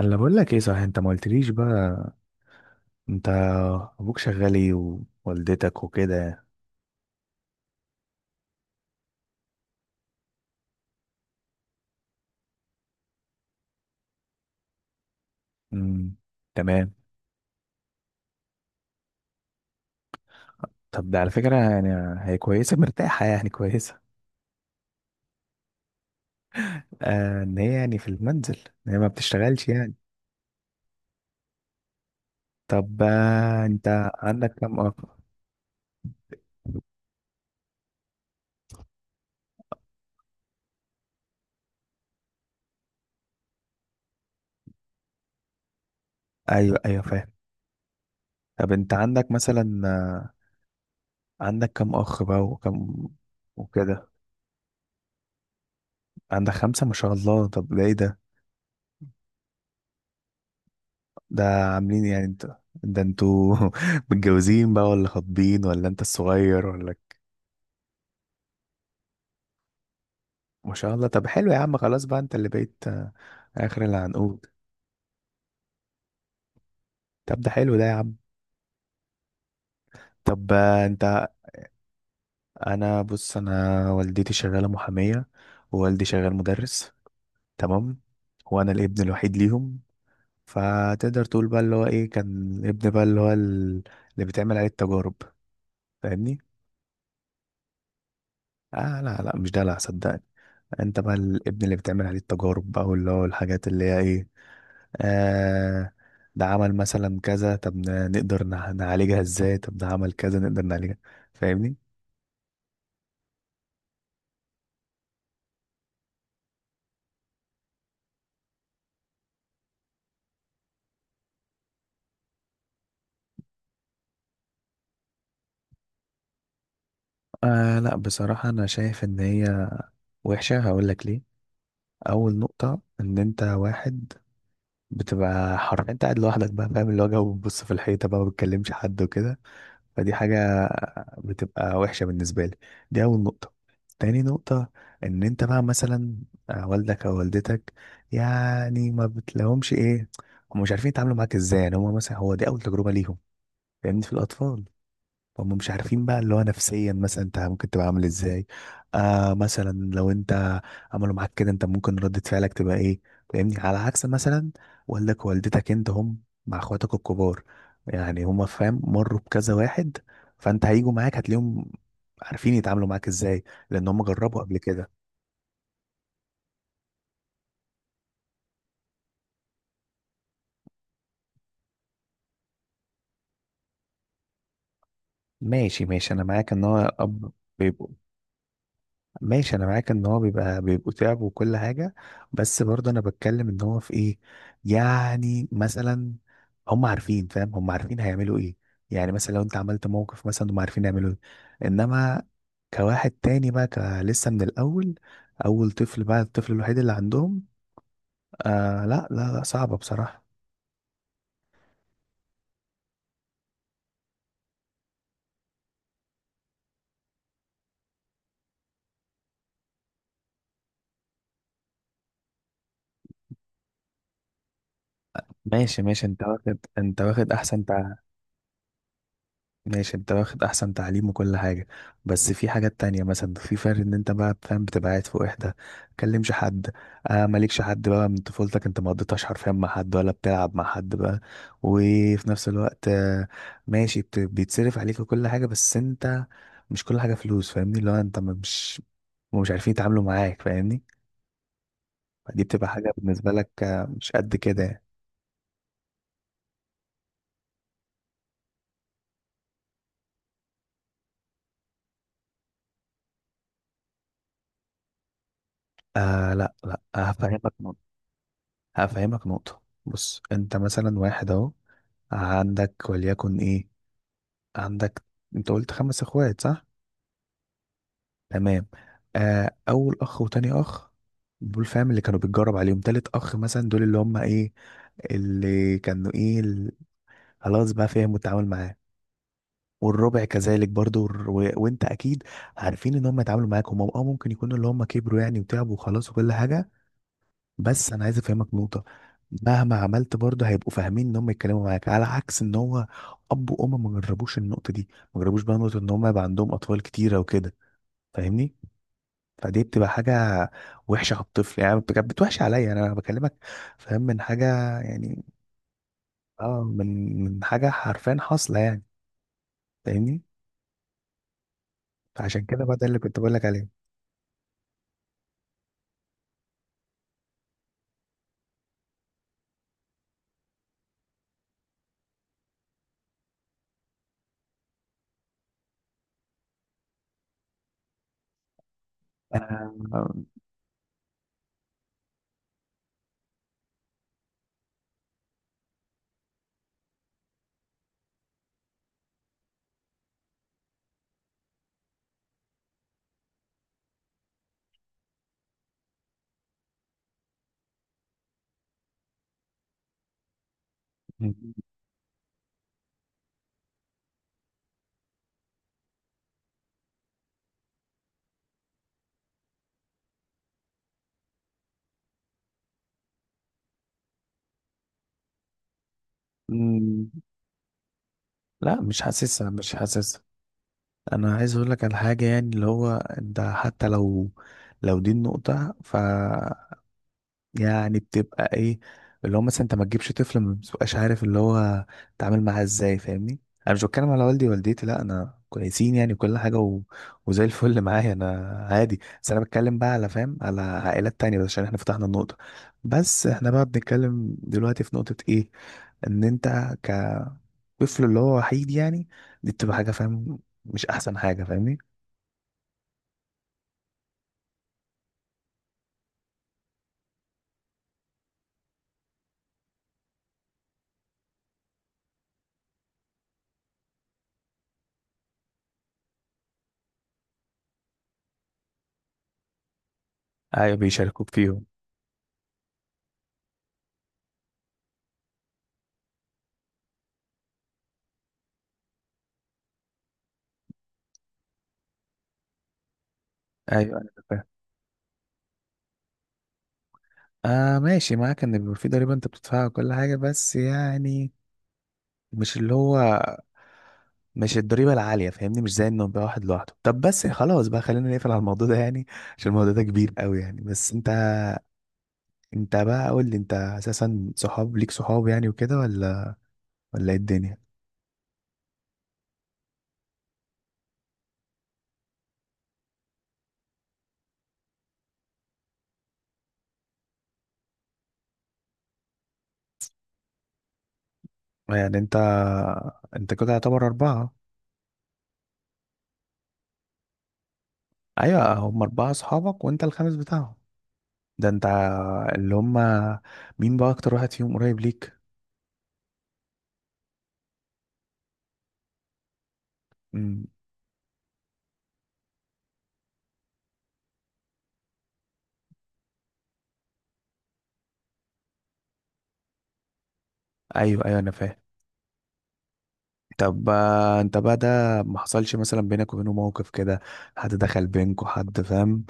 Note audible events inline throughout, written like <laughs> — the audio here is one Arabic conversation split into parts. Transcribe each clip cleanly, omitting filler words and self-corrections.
انا بقول لك ايه صحيح، انت ما قلتليش بقى. انت ابوك شغال ايه؟ ووالدتك وكده؟ امم. تمام. طب ده على فكره يعني، هي كويسه، مرتاحه يعني، كويسه؟ آه ان هي يعني في المنزل، ان هي ما بتشتغلش يعني. طب، انت عندك كام اخ؟ ايوه ايوه فاهم. طب انت عندك مثلا، عندك كام اخ بقى، وكم، وكده؟ عندك خمسه، ما شاء الله. طب ده ايه ده؟ ده عاملين يعني، انت ده انتوا <laughs> متجوزين بقى، ولا خاطبين، ولا انت الصغير، ولا؟ ما شاء الله، طب حلو يا عم. خلاص بقى، انت اللي بقيت اخر العنقود. طب ده حلو ده يا عم. طب انت. انا بص، انا والدتي شغالة محامية، ووالدي شغال مدرس. تمام. وانا الابن الوحيد ليهم. فتقدر تقول بقى اللي هو ايه، كان الابن بقى اللي هو اللي بتعمل عليه التجارب. فاهمني؟ اه لا لا مش دلع صدقني. انت بقى الابن اللي بتعمل عليه التجارب بقى، واللي هو الحاجات اللي هي ايه، آه. ده عمل مثلا كذا، طب نقدر نعالجها ازاي؟ طب ده عمل كذا، نقدر نعالجها. فاهمني؟ آه لا بصراحة، انا شايف ان هي وحشة. هقول لك ليه. اول نقطة، ان انت واحد، بتبقى حر. انت قاعد لوحدك بقى، فاهم اللي هو جو، بتبص في الحيطة بقى، ما بتكلمش حد وكده. فدي حاجة بتبقى وحشة بالنسبة لي. دي أول نقطة. تاني نقطة، إن أنت بقى مثلا، والدك أو والدتك، يعني ما بتلاقيهمش إيه، هم مش عارفين يتعاملوا معاك إزاي. يعني هم مثلا، هو دي أول تجربة ليهم، فاهمني، في الأطفال. هم مش عارفين بقى اللي هو نفسيا مثلا انت ممكن تبقى عامل ازاي. مثلا لو انت عملوا معاك كده، انت ممكن ردة فعلك تبقى ايه. فاهمني؟ على عكس مثلا والدك ووالدتك انت، هم مع اخواتك الكبار، يعني هم فاهم مروا بكذا واحد. فانت هيجوا معاك، هتلاقيهم عارفين يتعاملوا معاك ازاي، لان هم جربوا قبل كده. ماشي ماشي، انا معاك ان هو اب. ماشي انا معاك ان هو بيبقوا تعب وكل حاجه. بس برضه انا بتكلم ان هو في ايه. يعني مثلا هم عارفين، فاهم، هم عارفين هيعملوا ايه. يعني مثلا لو انت عملت موقف مثلا، هم عارفين يعملوا ايه. انما كواحد تاني بقى، لسه من الاول، اول طفل بقى، الطفل الوحيد اللي عندهم. آه لا لا لا، صعبه بصراحه. ماشي ماشي، انت واخد احسن. ماشي، انت واخد احسن تعليم وكل حاجة. بس في حاجات تانية، مثلا في فرق ان انت بقى فاهم، بتبقى قاعد في وحدة، متكلمش حد. آه مالكش حد بقى، من طفولتك انت ما قضيتهاش حرفيا مع حد، ولا بتلعب مع حد بقى. وفي نفس الوقت، آه، ماشي بيتصرف عليك وكل حاجة، بس انت، مش كل حاجة فلوس. فاهمني؟ اللي هو انت مش، مش عارفين يتعاملوا معاك. فاهمني؟ دي بتبقى حاجة بالنسبة لك مش قد كده يعني. آه لا لا، هفهمك. هفهمك نقطة، بص. انت مثلا واحد اهو، عندك وليكن ايه، عندك، انت قلت خمس اخوات صح؟ تمام. اول اخ وتاني اخ، دول فاهم اللي كانوا بيتجرب عليهم. تالت اخ مثلا، دول اللي هم ايه، اللي كانوا ايه خلاص بقى فهموا التعامل معاه. والربع كذلك برضو، وانت اكيد عارفين ان هم يتعاملوا معاك. هم اه ممكن يكونوا اللي هم كبروا يعني وتعبوا وخلاص وكل حاجة. بس انا عايز افهمك نقطه، مهما عملت برضه هيبقوا فاهمين ان هم يتكلموا معاك. على عكس ان هو اب وام ما جربوش النقطه دي، ما جربوش بقى نقطه ان هم يبقى عندهم اطفال كتيره وكده. فاهمني؟ فدي بتبقى حاجه وحشه على الطفل. يعني بتوحش عليا، انا بكلمك فاهم من حاجه، يعني، اه من حاجه حرفيا حاصله يعني. فاهمني؟ فعشان كده بقى ده اللي كنت بقول لك عليه. آه. م- م- لا، مش حاسسها، مش حاسسها. انا عايز اقول لك على حاجه، يعني اللي هو انت حتى لو، دي النقطه، ف، يعني بتبقى ايه، اللي هو مثلا انت ما تجيبش طفل، ما بتبقاش عارف اللي هو تعمل معاه ازاي. فاهمني؟ انا مش بتكلم على والدي ووالدتي، لا انا كويسين، يعني كل حاجه و... وزي الفل <laughs> معايا انا، عادي. بس انا بتكلم بقى على، فاهم، على عائلات تانية، بس عشان احنا فتحنا النقطه. بس احنا بقى بنتكلم دلوقتي في نقطه ايه، ان انت كطفل اللي هو وحيد يعني. دي بتبقى حاجه فاهم، مش احسن حاجه. فاهمني؟ ايوه بيشاركوك فيهم. ايوه ايوه انا فاهم. آه ماشي معاك، ان بيبقى في ضريبه انت بتدفعها وكل حاجه، بس يعني مش اللي هو، مش الضريبه العاليه. فاهمني؟ مش زي انه يبقى واحد لوحده. طب بس خلاص بقى، خلينا نقفل على الموضوع ده يعني، عشان الموضوع ده كبير قوي يعني. بس انت، انت بقى قول لي، انت اساسا صحاب ليك؟ صحاب يعني وكده، ولا ايه الدنيا؟ يعني انت، كده يعتبر اربعه. ايوه هم اربعه صحابك وانت الخامس بتاعهم. ده انت اللي هم، مين بقى اكتر واحد فيهم قريب ليك؟ ايوه ايوه انا فاهم. طب انت بقى ده، ما حصلش مثلا بينك وبينه موقف كده؟ حد دخل بينكوا، حد فاهم،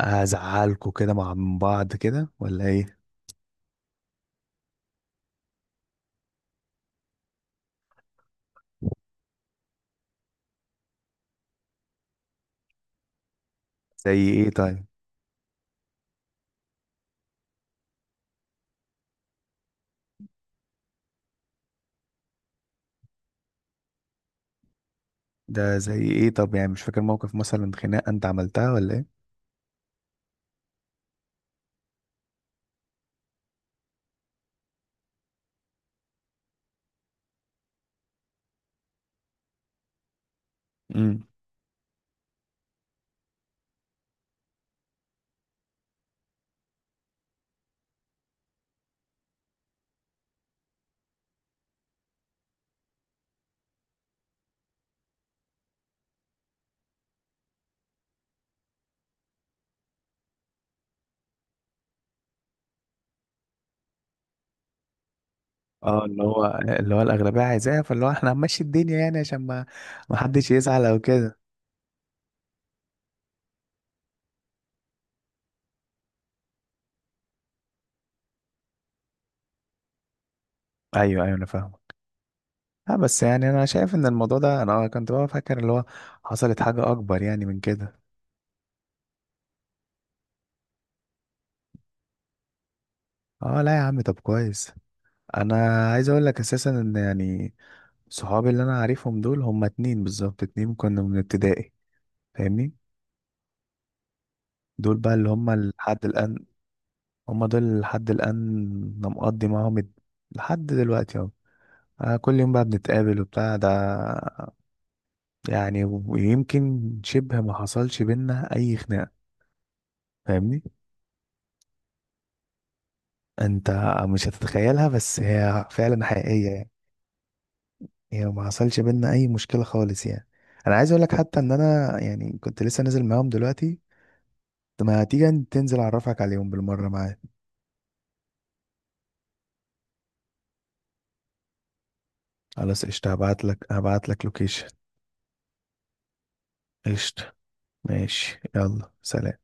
زعلكوا كده مع من بعض كده ولا ايه؟ زي ايه طيب؟ ده زي ايه طب؟ يعني مش فاكر موقف مثلا خناقه انت عملتها، ولا ايه؟ امم. اه اللي هو، اللي هو الاغلبيه عايزاها، فاللي هو احنا هنمشي الدنيا يعني، عشان ما حدش يزعل او كده. ايوه ايوه انا فاهم. اه بس يعني انا شايف ان الموضوع ده، انا كنت بقى فاكر اللي هو، حصلت حاجه اكبر يعني من كده. اه لا يا عم، طب كويس. انا عايز اقول لك اساسا ان يعني، صحابي اللي انا عارفهم دول هما اتنين بالظبط، اتنين كنا من ابتدائي. فاهمني؟ دول بقى اللي هما لحد الان. هما دول اللي لحد الان. انا مقضي معاهم لحد دلوقتي اهو. كل يوم بقى بنتقابل وبتاع ده، يعني ويمكن شبه ما حصلش بينا اي خناقة. فاهمني؟ انت مش هتتخيلها، بس هي فعلا حقيقية يعني. هي ما حصلش بينا اي مشكلة خالص يعني. انا عايز اقول لك حتى ان انا يعني كنت لسه نازل معاهم دلوقتي. طب ما تيجي تنزل، اعرفك عليهم بالمرة معايا. خلاص قشطة، هبعت لك لوكيشن. قشطة. ماشي، يلا، سلام.